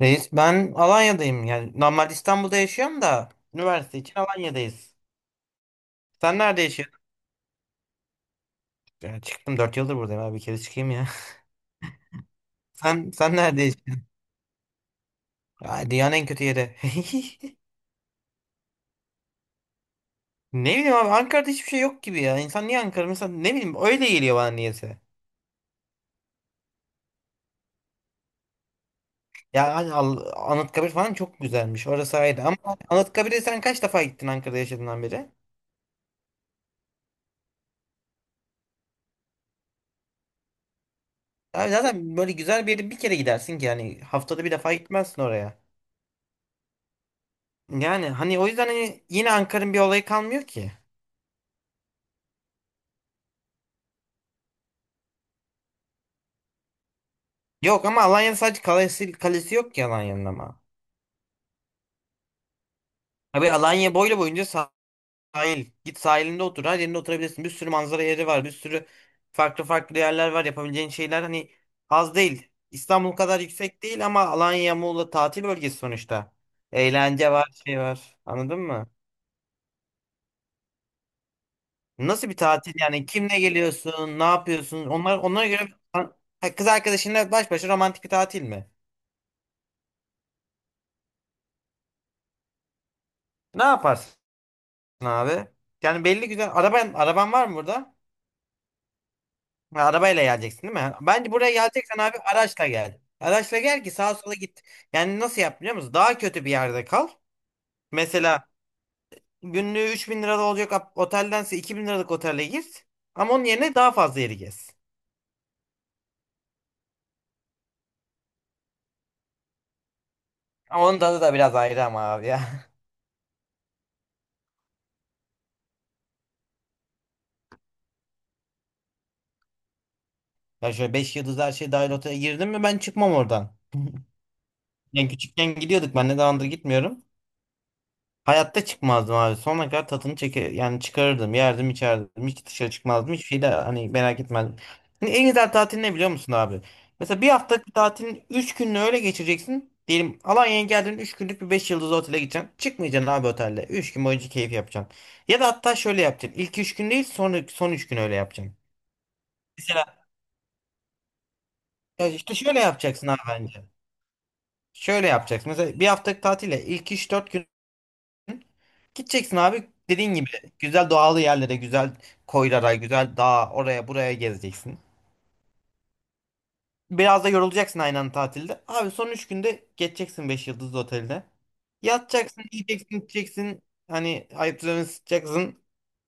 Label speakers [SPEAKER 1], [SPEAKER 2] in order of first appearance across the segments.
[SPEAKER 1] Reis ben Alanya'dayım. Yani normal İstanbul'da yaşıyorum da üniversite için Alanya'dayız. Sen nerede yaşıyorsun? Ya çıktım 4 yıldır buradayım abi bir kere çıkayım ya. Sen nerede yaşıyorsun? Ay, dünyanın en kötü yeri. Ne bileyim abi Ankara'da hiçbir şey yok gibi ya. İnsan niye Ankara? Mesela ne bileyim öyle geliyor bana niyeyse. Ya hani Anıtkabir falan çok güzelmiş. Orası ayrı ama Anıtkabir'e sen kaç defa gittin Ankara'da yaşadığından beri? Abi zaten böyle güzel bir yere bir kere gidersin ki yani haftada bir defa gitmezsin oraya. Yani hani o yüzden hani yine Ankara'nın bir olayı kalmıyor ki. Yok ama Alanya'nın sadece kalesi yok ki Alanya'nın ama. Abi Alanya boylu boyunca sahil. Git sahilinde otur. Her yerinde oturabilirsin. Bir sürü manzara yeri var. Bir sürü farklı farklı yerler var. Yapabileceğin şeyler hani az değil. İstanbul kadar yüksek değil ama Alanya, Muğla tatil bölgesi sonuçta. Eğlence var, şey var. Anladın mı? Nasıl bir tatil yani? Kimle geliyorsun? Ne yapıyorsun? Onlar onlara göre. Ha, kız arkadaşınla baş başa romantik bir tatil mi? Ne yaparsın, abi? Yani belli güzel. Araban var mı burada? Ha, arabayla geleceksin değil mi? Bence buraya geleceksen abi araçla gel. Araçla gel ki sağa sola git. Yani nasıl yap biliyor musun? Daha kötü bir yerde kal. Mesela günlüğü 3.000 lirada olacak oteldense 2.000 liralık otele git. Ama onun yerine daha fazla yeri gez. Ama onun tadı da biraz ayrı ama abi ya. Ya şöyle 5 yıldız her şey dahil otele girdim mi ben çıkmam oradan. Yani küçükken gidiyorduk ben ne zamandır gitmiyorum. Hayatta çıkmazdım abi. Sonuna kadar tadını çeker yani çıkarırdım, yerdim, içerdim. Hiç dışarı çıkmazdım. Hiçbir şey de hani merak etmezdim. Hani en güzel tatil ne biliyor musun abi? Mesela bir haftalık tatilin 3 gününü öyle geçireceksin. Diyelim Alanya'ya geldin 3 günlük bir 5 yıldızlı otele gideceksin. Çıkmayacaksın abi otelde. 3 gün boyunca keyif yapacaksın. Ya da hatta şöyle yapacaksın. İlk 3 gün değil son 3 gün öyle yapacaksın. Mesela ya işte şöyle yapacaksın abi bence. Şöyle yapacaksın. Mesela bir haftalık tatile ilk 3-4 gün gideceksin abi dediğin gibi güzel doğal yerlere, güzel koylara, güzel dağa, oraya buraya gezeceksin. Biraz da yorulacaksın aynı anda tatilde. Abi son 3 günde geçeceksin 5 yıldızlı otelde. Yatacaksın, yiyeceksin, içeceksin. Hani ayaklarını sıçacaksın,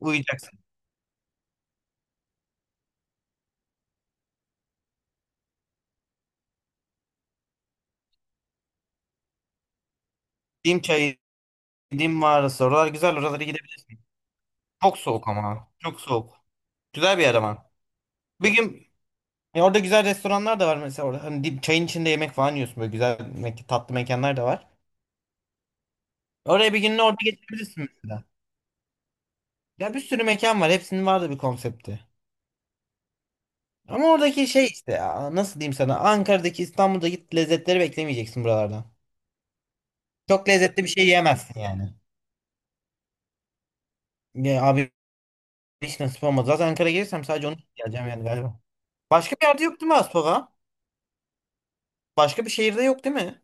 [SPEAKER 1] uyuyacaksın. Dim çayı, Dim mağarası oralar güzel oralara gidebilirsin. Çok soğuk ama çok soğuk. Güzel bir yer ama. Bir gün orada güzel restoranlar da var mesela orada. Hani çayın içinde yemek falan yiyorsun böyle güzel tatlı mekanlar da var. Oraya bir gününü orada geçirebilirsin mesela. Ya bir sürü mekan var. Hepsinin vardı bir konsepti. Ama oradaki şey işte ya, nasıl diyeyim sana Ankara'daki İstanbul'daki lezzetleri beklemeyeceksin buralardan. Çok lezzetli bir şey yiyemezsin yani. Ya abi hiç nasip olmadı. Zaten Ankara'ya gelirsem sadece onu yiyeceğim yani galiba. Başka bir yerde yok değil mi Aspava? Başka bir şehirde yok değil mi?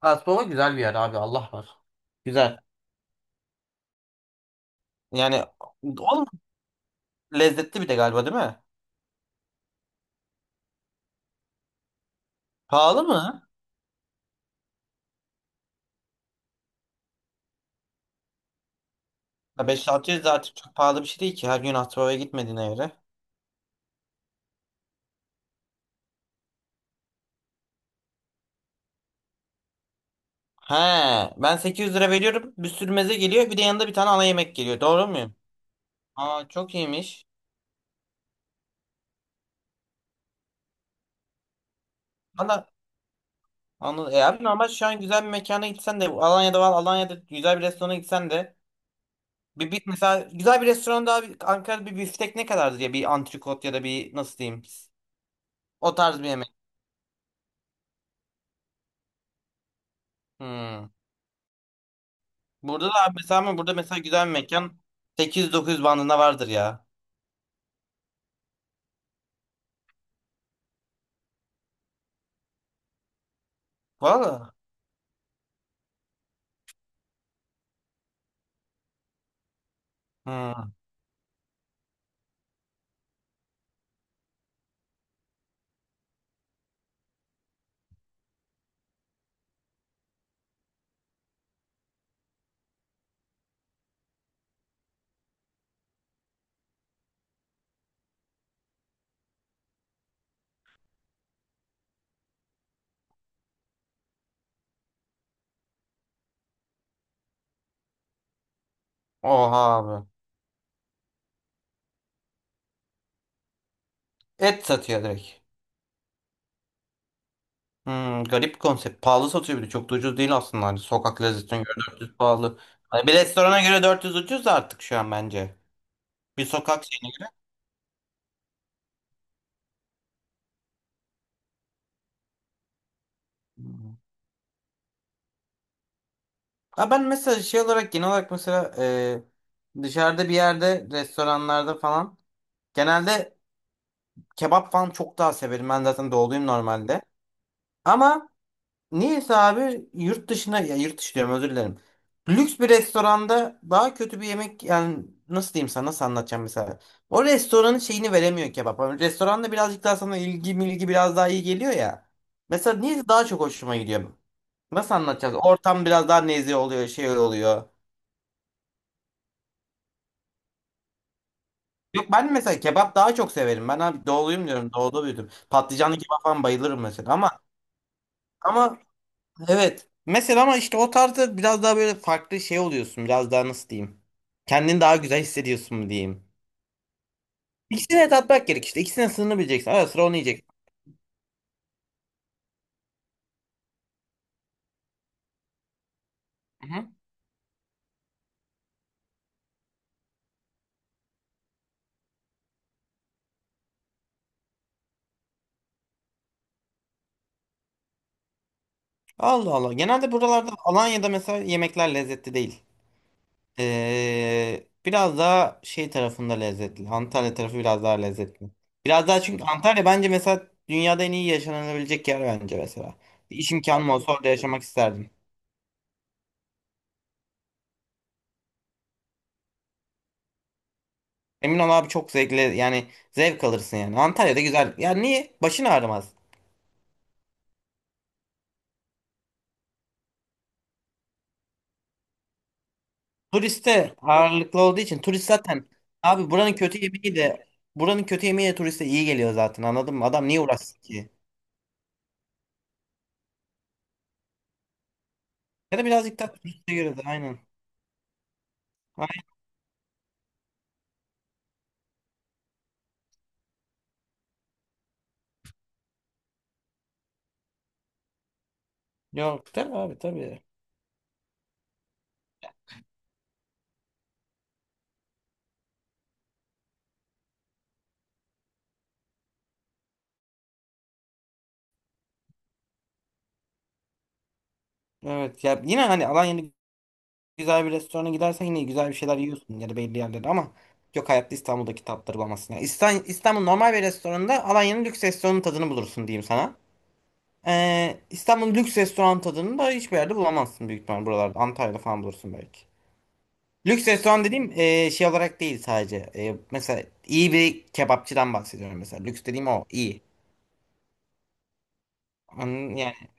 [SPEAKER 1] Aspava güzel bir yer abi Allah var. Güzel. Yani oğlum lezzetli bir de galiba değil mi? Pahalı mı? 5-6 artık çok pahalı bir şey değil ki. Her gün Aspava'ya gitmediğine göre. He, ben 800 lira veriyorum. Bir sürü meze geliyor. Bir de yanında bir tane ana yemek geliyor. Doğru muyum? Aa, çok iyiymiş. Valla, anladım. E abi normal şu an güzel bir mekana gitsen de Alanya'da var. Alanya'da güzel bir restorana gitsen de bir mesela güzel bir restoranda abi Ankara'da bir biftek ne kadardır ya bir antrikot ya da bir nasıl diyeyim o tarz bir yemek. Hmm. Burada da abi mesela ama burada mesela güzel bir mekan 800-900 bandında vardır ya. Valla. Hmm. Oha abi. Et satıyor direkt. Hmm, garip bir konsept. Pahalı satıyor bir de. Çok da ucuz değil aslında. Hani sokak lezzetine göre 400 pahalı. Hani bir restorana göre 400 ucuz da artık şu an bence. Bir sokak şeyine göre. Hmm. Ha ben mesela şey olarak genel olarak mesela dışarıda bir yerde restoranlarda falan genelde kebap falan çok daha severim. Ben zaten doğuluyum normalde. Ama niyeyse abi yurt dışına ya yurt dışı diyorum özür dilerim. Lüks bir restoranda daha kötü bir yemek yani nasıl diyeyim sana nasıl anlatacağım mesela. O restoranın şeyini veremiyor kebap. Hani restoranda birazcık daha sana ilgi milgi biraz daha iyi geliyor ya. Mesela niyeyse daha çok hoşuma gidiyor. Nasıl anlatacağız? Ortam biraz daha nezih oluyor şey oluyor. Yok ben mesela kebap daha çok severim. Ben abi doğuluyum diyorum doğuda büyüdüm. Patlıcanlı kebap falan bayılırım mesela ama. Evet. Mesela ama işte o tarzda biraz daha böyle farklı şey oluyorsun. Biraz daha nasıl diyeyim. Kendini daha güzel hissediyorsun mu diyeyim. İkisine de tatmak gerek işte. İkisine sınırını bileceksin. Ara sıra onu yiyeceksin. Hı-hı. Allah Allah. Genelde buralarda Alanya'da mesela yemekler lezzetli değil. Biraz daha şey tarafında lezzetli. Antalya tarafı biraz daha lezzetli. Biraz daha çünkü Antalya bence mesela dünyada en iyi yaşanabilecek yer bence mesela. Bir iş imkanım olsa orada yaşamak isterdim. Emin ol abi çok zevkli yani zevk alırsın yani. Antalya'da güzel. Ya niye? Başın ağrımaz. Turiste ağırlıklı olduğu için turist zaten abi buranın kötü yemeği de buranın kötü yemeği de turiste iyi geliyor zaten anladın mı? Adam niye uğraşsın ki? Ya da birazcık daha turiste göre de aynen. Aynen. Yok tabii abi tabii. Evet ya yine hani Alanya'da güzel bir restorana gidersen yine güzel bir şeyler yiyorsun ya da belli yerlerde ama yok hayatta İstanbul'daki tatları bulamazsın. Yani İstanbul normal bir restoranda Alanya'nın lüks restoranın tadını bulursun diyeyim sana. İstanbul lüks restoran tadını da hiçbir yerde bulamazsın büyük ihtimal buralarda. Antalya'da falan bulursun belki. Lüks restoran dediğim şey olarak değil sadece. Mesela iyi bir kebapçıdan bahsediyorum mesela. Lüks dediğim o iyi. Anladın? Yani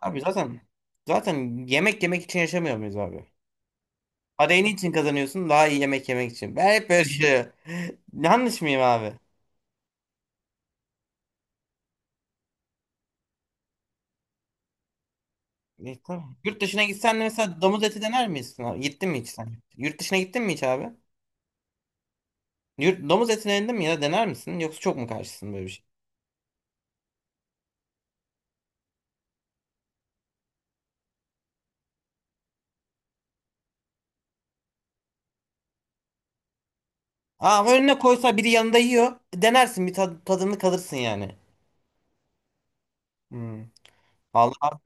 [SPEAKER 1] abi zaten yemek yemek için yaşamıyor muyuz abi? Parayı niçin kazanıyorsun? Daha iyi yemek yemek için. Ben hep böyle düşünüyorum. Yanlış mıyım abi? E, tamam. Yurt dışına gitsen de mesela domuz eti dener misin, abi? Gittin mi hiç sen? Yurt dışına gittin mi hiç abi? Domuz etine indin mi ya dener misin? Yoksa çok mu karşısın böyle bir şey? Aa önüne koysa biri yanında yiyor. Denersin bir tadını kalırsın yani. Hmm. Vallahi,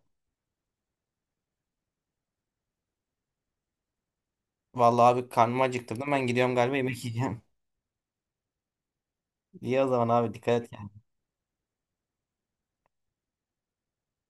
[SPEAKER 1] vallahi, abi karnımı acıktırdım. Ben gidiyorum galiba yemek yiyeceğim. İyi o zaman abi dikkat et.